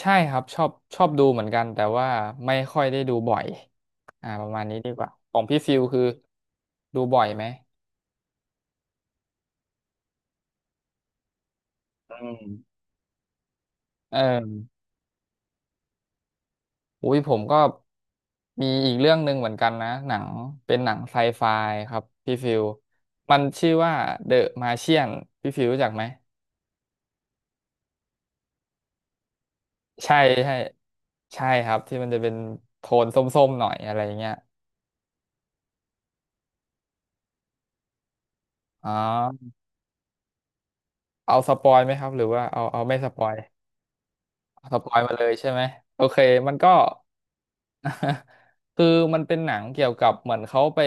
ใช่ครับชอบดูเหมือนกันแต่ว่าไม่ค่อยได้ดูบ่อยประมาณนี้ดีกว่าของพี่ฟิลคือดูบ่อยไหมอืมเอออุ้ยผมก็มีอีกเรื่องหนึ่งเหมือนกันนะหนังเป็นหนังไซไฟครับพี่ฟิวมันชื่อว่า The Martian พี่ฟิวรู้จักไหมใช่ใช่ใช่ครับที่มันจะเป็นโทนส้มๆหน่อยอะไรอย่างเงี้ยอ๋อเอาสปอยไหมครับหรือว่าเอาไม่สปอย สปอยมาเลยใช่ไหมโอเคมันก็ คือมันเป็นหนังเกี่ยวกับเหมือนเขาไป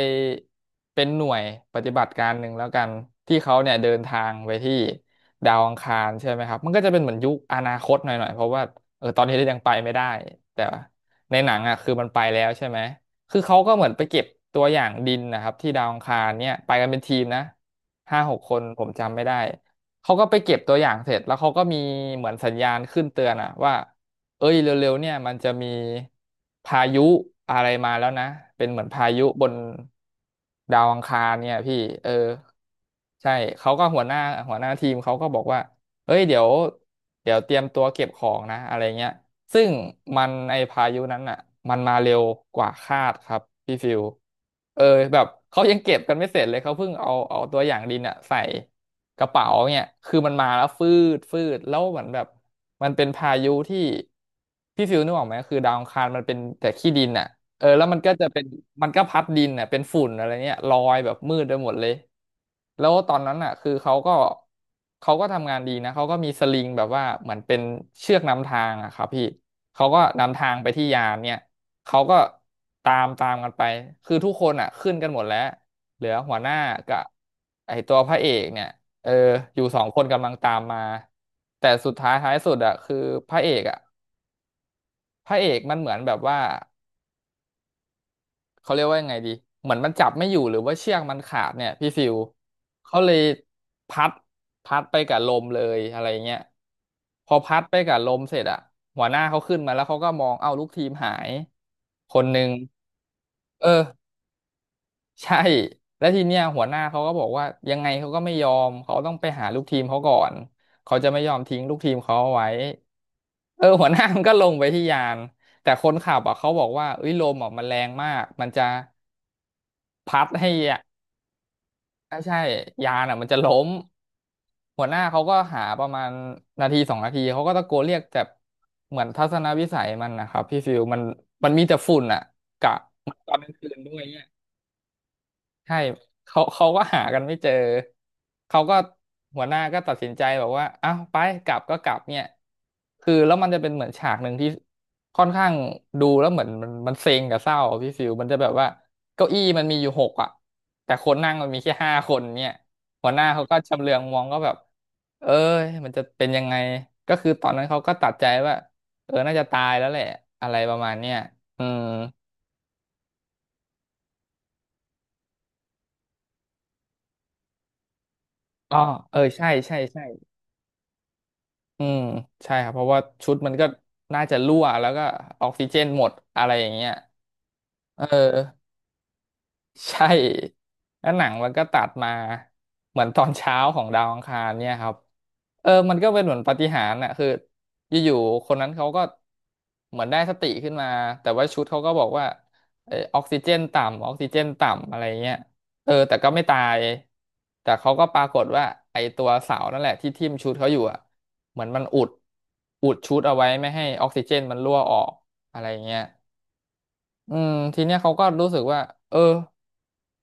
เป็นหน่วยปฏิบัติการหนึ่งแล้วกันที่เขาเนี่ยเดินทางไปที่ดาวอังคารใช่ไหมครับมันก็จะเป็นเหมือนยุคอนาคตหน่อยๆเพราะว่าเออตอนนี้ยังไปไม่ได้แต่ว่าในหนังอ่ะคือมันไปแล้วใช่ไหมคือเขาก็เหมือนไปเก็บตัวอย่างดินนะครับที่ดาวอังคารเนี่ยไปกันเป็นทีมนะห้าหกคนผมจำไม่ได้ เขาก็ไปเก็บตัวอย่างเสร็จแล้วเขาก็มีเหมือนสัญญาณขึ้นเตือนอะว่าเอ้ยเร็วๆเนี่ยมันจะมีพายุอะไรมาแล้วนะเป็นเหมือนพายุบนดาวอังคารเนี่ยพี่เออใช่เขาก็หัวหน้าทีมเขาก็บอกว่าเอ้ยเดี๋ยวเตรียมตัวเก็บของนะอะไรเงี้ยซึ่งมันไอพายุนั้นอ่ะมันมาเร็วกว่าคาดครับพี่ฟิวเออแบบเขายังเก็บกันไม่เสร็จเลยเขาเพิ่งเอาตัวอย่างดินอ่ะใส่ กระเป๋าเนี่ยคือมันมาแล้วฟืดฟืดแล้วเหมือนแบบมันเป็นพายุที่พี่ฟิลนึกออกไหมคือดาวอังคารมันเป็นแต่ขี้ดินอ่ะเออแล้วมันก็จะเป็นมันก็พัดดินอ่ะเป็นฝุ่นอะไรเนี่ยลอยแบบมืดไปหมดเลยแล้วตอนนั้นอ่ะคือเขาก็ทำงานดีนะเขาก็มีสลิงแบบว่าเหมือนเป็นเชือกนำทางอ่ะครับพี่เขาก็นำทางไปที่ยานเนี่ยเขาก็ตามกันไปคือทุกคนอ่ะขึ้นกันหมดแล้วเหลือหัวหน้ากับไอตัวพระเอกเนี่ย เอออยู่สองคนกำลังตามมาแต่สุดท้ายท้ายสุดอะคือพระเอกอะพระเอกมันเหมือนแบบว่าเขาเรียกว่ายังไงดีเหมือนมันจับไม่อยู่หรือว่าเชือกมันขาดเนี่ยพี่ฟิวเขาเลยพัดไปกับลมเลยอะไรเงี้ยพอพัดไปกับลมเสร็จอะหัวหน้าเขาขึ้นมาแล้วเขาก็มองเอ้าลูกทีมหายคนหนึ่งเออ ใช่แล้วทีเนี้ยหัวหน้าเขาก็บอกว่ายังไงเขาก็ไม่ยอมเขาต้องไปหาลูกทีมเขาก่อนเขาจะไม่ยอมทิ้งลูกทีมเขาเอาไว้เออหัวหน้ามันก็ลงไปที่ยานแต่คนขับอ่ะเขาบอกว่าเอ้ยลมอ่ะมันแรงมากมันจะพัดให้อ่ะอ่ะใช่ยานอ่ะมันจะล้มหัวหน้าเขาก็หาประมาณนาทีสองนาทีเขาก็ตะโกนเรียกแต่เหมือนทัศนวิสัยมันนะครับพี่ฟิวมันมีแต่ฝุ่นอ่ะกะมันตอนกลางคืนด้วยเนี่ย ใช่เขาก็หากันไม่เจอเขาก็หัวหน้าก็ตัดสินใจบอกว่าอ้าวไปกลับก็กลับเนี่ยคือแล้วมันจะเป็นเหมือนฉากหนึ่งที่ค่อนข้างดูแล้วเหมือนมันเซ็งกับเศร้าอะพี่ฟิวมันจะแบบว่าเก้าอี้มันมีอยู่หกอ่ะแต่คนนั่งมันมีแค่ห้าคนเนี่ยหัวหน้าเขาก็ชำเลืองมองก็แบบเอ้ยมันจะเป็นยังไงก็คือตอนนั้นเขาก็ตัดใจว่าเออน่าจะตายแล้วแหละอะไรประมาณเนี้ยอืมอ๋อเออใช่ใช่ใช่ อืมใช่ครับเพราะว่าชุดมันก็น่าจะรั่วแล้วก็ออกซิเจนหมดอะไรอย่างเงี้ยเออ ใช่แล้วหนังมันก็ตัดมาเหมือนตอนเช้าของดาวอังคารเนี่ยครับเออมันก็เป็นเหมือนปาฏิหาริย์น่ะคืออยู่ๆคนนั้นเขาก็เหมือนได้สติขึ้นมาแต่ว่าชุดเขาก็บอกว่าเออออกซิเจนต่ำอะไรเงี้ยเออแต่ก็ไม่ตายแต่เขาก็ปรากฏว่าไอตัวเสานั่นแหละที่ทิ่มชุดเขาอยู่อ่ะเหมือนมันอุดชุดเอาไว้ไม่ให้ออกซิเจนมันรั่วออกอะไรเงี้ยอืมทีเนี้ยเขาก็รู้สึกว่าเออ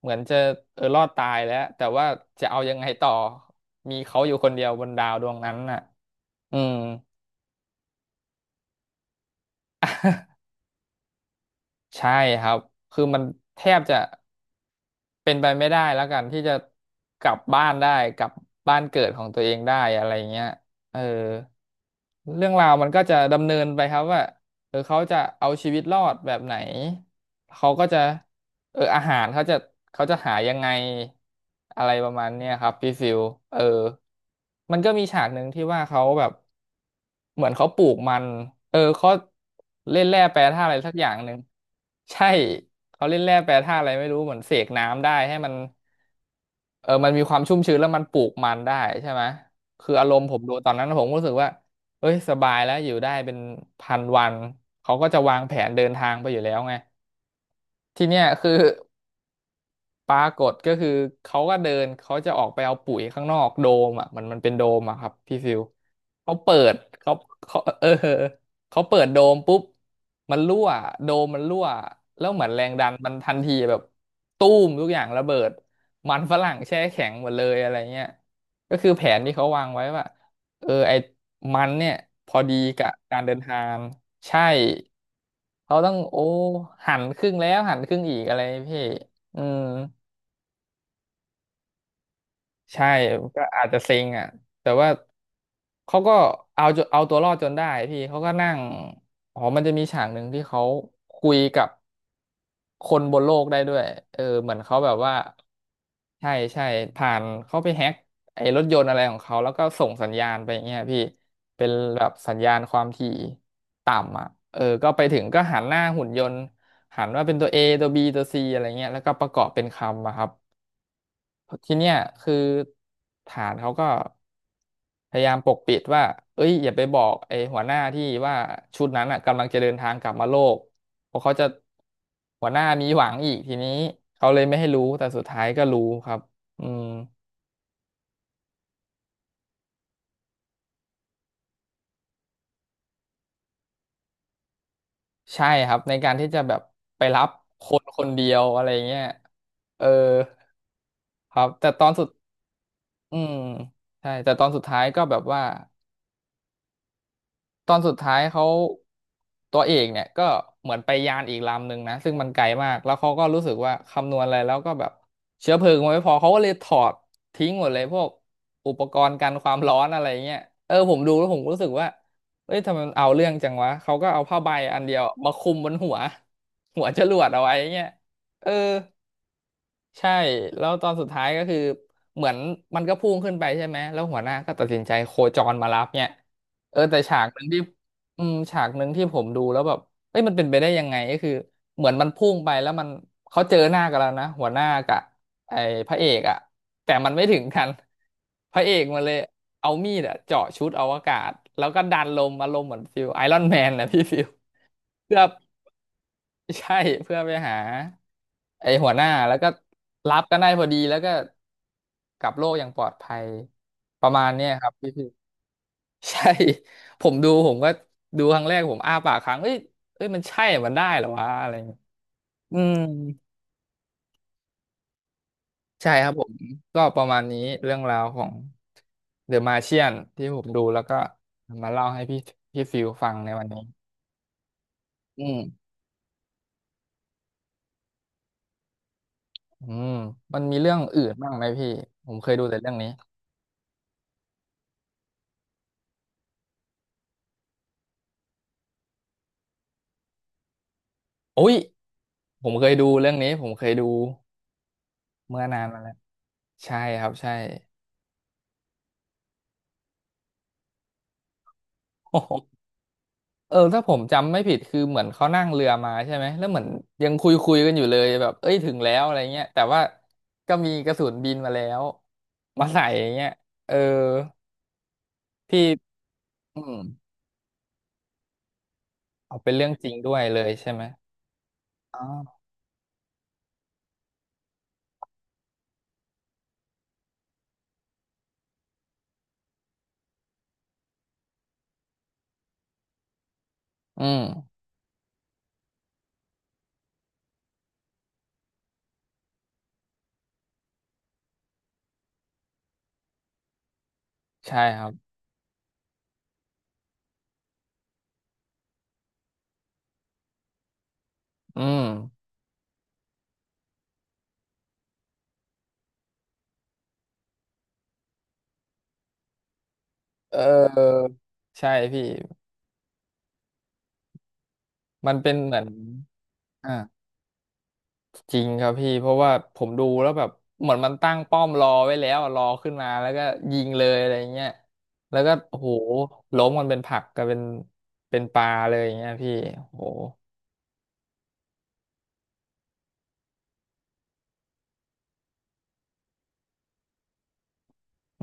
เหมือนจะรอดตายแล้วแต่ว่าจะเอายังไงต่อมีเขาอยู่คนเดียวบนดาวดวงนั้นน่ะอืมใช่ครับคือมันแทบจะเป็นไปไม่ได้แล้วกันที่จะกลับบ้านได้กลับบ้านเกิดของตัวเองได้อะไรเงี้ยเออเรื่องราวมันก็จะดำเนินไปครับว่าเขาจะเอาชีวิตรอดแบบไหนเขาก็จะ อาหารเขาจะหายังไงอะไรประมาณเนี้ยครับพี่ฟิลเออมันก็มีฉากหนึ่งที่ว่าเขาแบบเหมือนเขาปลูกมันเขาเล่นแร่แปรธาตุอะไรสักอย่างหนึ่งใช่เขาเล่นแร่แปรธาตุอะไรไม่รู้เหมือนเสกน้ำได้ให้มันมันมีความชุ่มชื้นแล้วมันปลูกมันได้ใช่ไหมคืออารมณ์ผมดูตอนนั้นผมก็รู้สึกว่าเอ้ยสบายแล้วอยู่ได้เป็นพันวันเขาก็จะวางแผนเดินทางไปอยู่แล้วไงทีเนี้ยคือ ปรากฏก็คือเขาก็เดินเขาจะออกไปเอาปุ๋ยข้างนอกโดมอ่ะมันเป็นโดมอ่ะครับพี่ฟิวเขาเปิดเขาเขาเขาเปิดโดมปุ๊บมันรั่วโดมมันรั่วแล้วเหมือนแรงดันมันทันทีแบบตู้มทุกอย่างระเบิดมันฝรั่งแช่แข็งหมดเลยอะไรเงี้ยก็คือแผนที่เขาวางไว้ว่าไอ้มันเนี่ยพอดีกับการเดินทางใช่เขาต้องโอ้หันครึ่งแล้วหันครึ่งอีกอะไรพี่อืม ใช่ก็อาจจะเซ็งอ่ะแต่ว่าเขาก็เอาตัวรอดจนได้พี่เขาก็นั่งอ๋อมันจะมีฉากหนึ่งที่เขาคุยกับคนบนโลกได้ด้วยเหมือนเขาแบบว่าใช่ใช่ผ่านเขาไปแฮ็กไอ้รถยนต์อะไรของเขาแล้วก็ส่งสัญญาณไปอย่างเงี้ยพี่เป็นแบบสัญญาณความถี่ต่ำอ่ะเออก็ไปถึงก็หันหน้าหุ่นยนต์หันว่าเป็นตัว A ตัว B ตัว C อะไรเงี้ยแล้วก็ประกอบเป็นคำอะครับ ทีเนี้ยคือฐานเขาก็พยายามปกปิดว่าเอ้ยอย่าไปบอกไอ้หัวหน้าที่ว่าชุดนั้นอ่ะกำลังจะเดินทางกลับมาโลกเพราะเขาจะหัวหน้ามีหวังอีกทีนี้เขาเลยไม่ให้รู้แต่สุดท้ายก็รู้ครับอืมใช่ครับในการที่จะแบบไปรับคนคนเดียวอะไรเงี้ยเออครับแต่ตอนสุดอืมใช่แต่ตอนสุดท้ายก็แบบว่า ตอนสุดท้ายเขาตัวเอกเนี่ยก็เหมือนไปยานอีกลำหนึ่งนะซึ่งมันไกลมากแล้วเขาก็รู้สึกว่าคำนวณอะไรแล้วก็แบบเชื้อเพลิงมันไม่พอเขาก็เลยถอดทิ้งหมดเลยพวกอุปกรณ์กันความร้อนอะไรเงี้ยผมดูแล้วผมรู้สึกว่าเอ้ยทำไมมันเอาเรื่องจังวะเขาก็เอาผ้าใบอันเดียวมาคลุมบนหัว หัวจรวดเอาไว้เงี้ยเออ ใช่แล้วตอนสุดท้ายก็คือเหมือนมันก็พุ่งขึ้นไปใช่ไหมแล้วหัวหน้าก็ตัดสินใจโคจรมารับเนี่ยแต่ฉากหนึ่งที่อืมฉากหนึ่งที่ผมดูแล้วแบบเอ้ยมันเป็นไปได้ยังไงก็คือเหมือนมันพุ่งไปแล้วมันเขาเจอหน้ากันแล้วนะหัวหน้ากับไอ้พระเอกอะแต่มันไม่ถึงกันพระเอกมาเลยเอามีดอะเจาะชุดอวกาศแล้วก็ดันลมอารมณ์เหมือนฟิลไอรอนแมนนะ พี่ฟิลเพื่อใช่เพื่อไปหา ไอหัวหน้าแล้วก็รับกันได้พอดีแล้วก็กลับโลกอย่างปลอดภัยประมาณเนี้ยครับพี่ พี่ใช่ ผมดูผมก็ดูครั้งแรกผมอ้าปากค้างเอ้ยมันใช่เหรอมันได้เหรอวะอะไรเงี้ยอืมใช่ครับผมก็ประมาณนี้เรื่องราวของเดอะมาเชียนที่ผมดูแล้วก็มาเล่าให้พี่พี่ฟิลฟังในวันนี้อืมอืมมันมีเรื่องอื่นบ้างไหมพี่ผมเคยดูแต่เรื่องนี้โอ้ยผมเคยดูเรื่องนี้ผมเคยดูเมื่อนานมาแล้ว ใช่ครับใช่ โอ้โหเออถ้าผมจำไม่ผิดคือเหมือนเขานั่งเรือมาใช่ไหมแล้วเหมือนยังคุยกันอยู่เลยแบบเอ้ยถึงแล้วอะไรเงี้ยแต่ว่าก็มีกระสุนบินมาแล้วมาใส่อย่างเงี้ยเออพี่อืมเอาเป็นเรื่องจริงด้วยเลยใช่ไหมอ๋ออืมใช่ครับอืมเออใช่พี่มันเป็นเหมือนอ่า จริงครับพี่เพราะว่าผมดูแล้วแบบเหมือนมันตั้งป้อมรอไว้แล้วอะรอขึ้นมาแล้วก็ยิงเลยอะไรเงี้ยแล้วก็โอ้โหล้มมันเป็นผักกลายเป็นเป็นปลาเลยอย่างเงี้ยพี่โอ้โห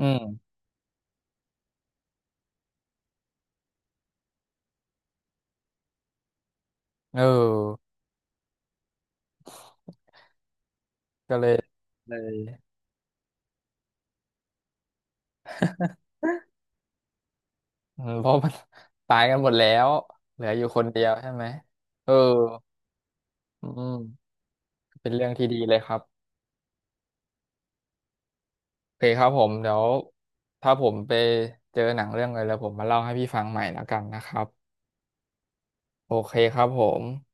อืมเออก็เลยเลยอืมเพราะมัน ตายกันหมดแล้วเหลืออยู่คนเดียวใช่ไหมเอออืมเป็นเรื่องที่ดีเลยครับโอเคครับผมเดี๋ยวถ้าผมไปเจอหนังเรื่องอะไรแล้วผมมาเล่าให้พี่ฟังใหม่แล้วกันนะครับโอเคครับผม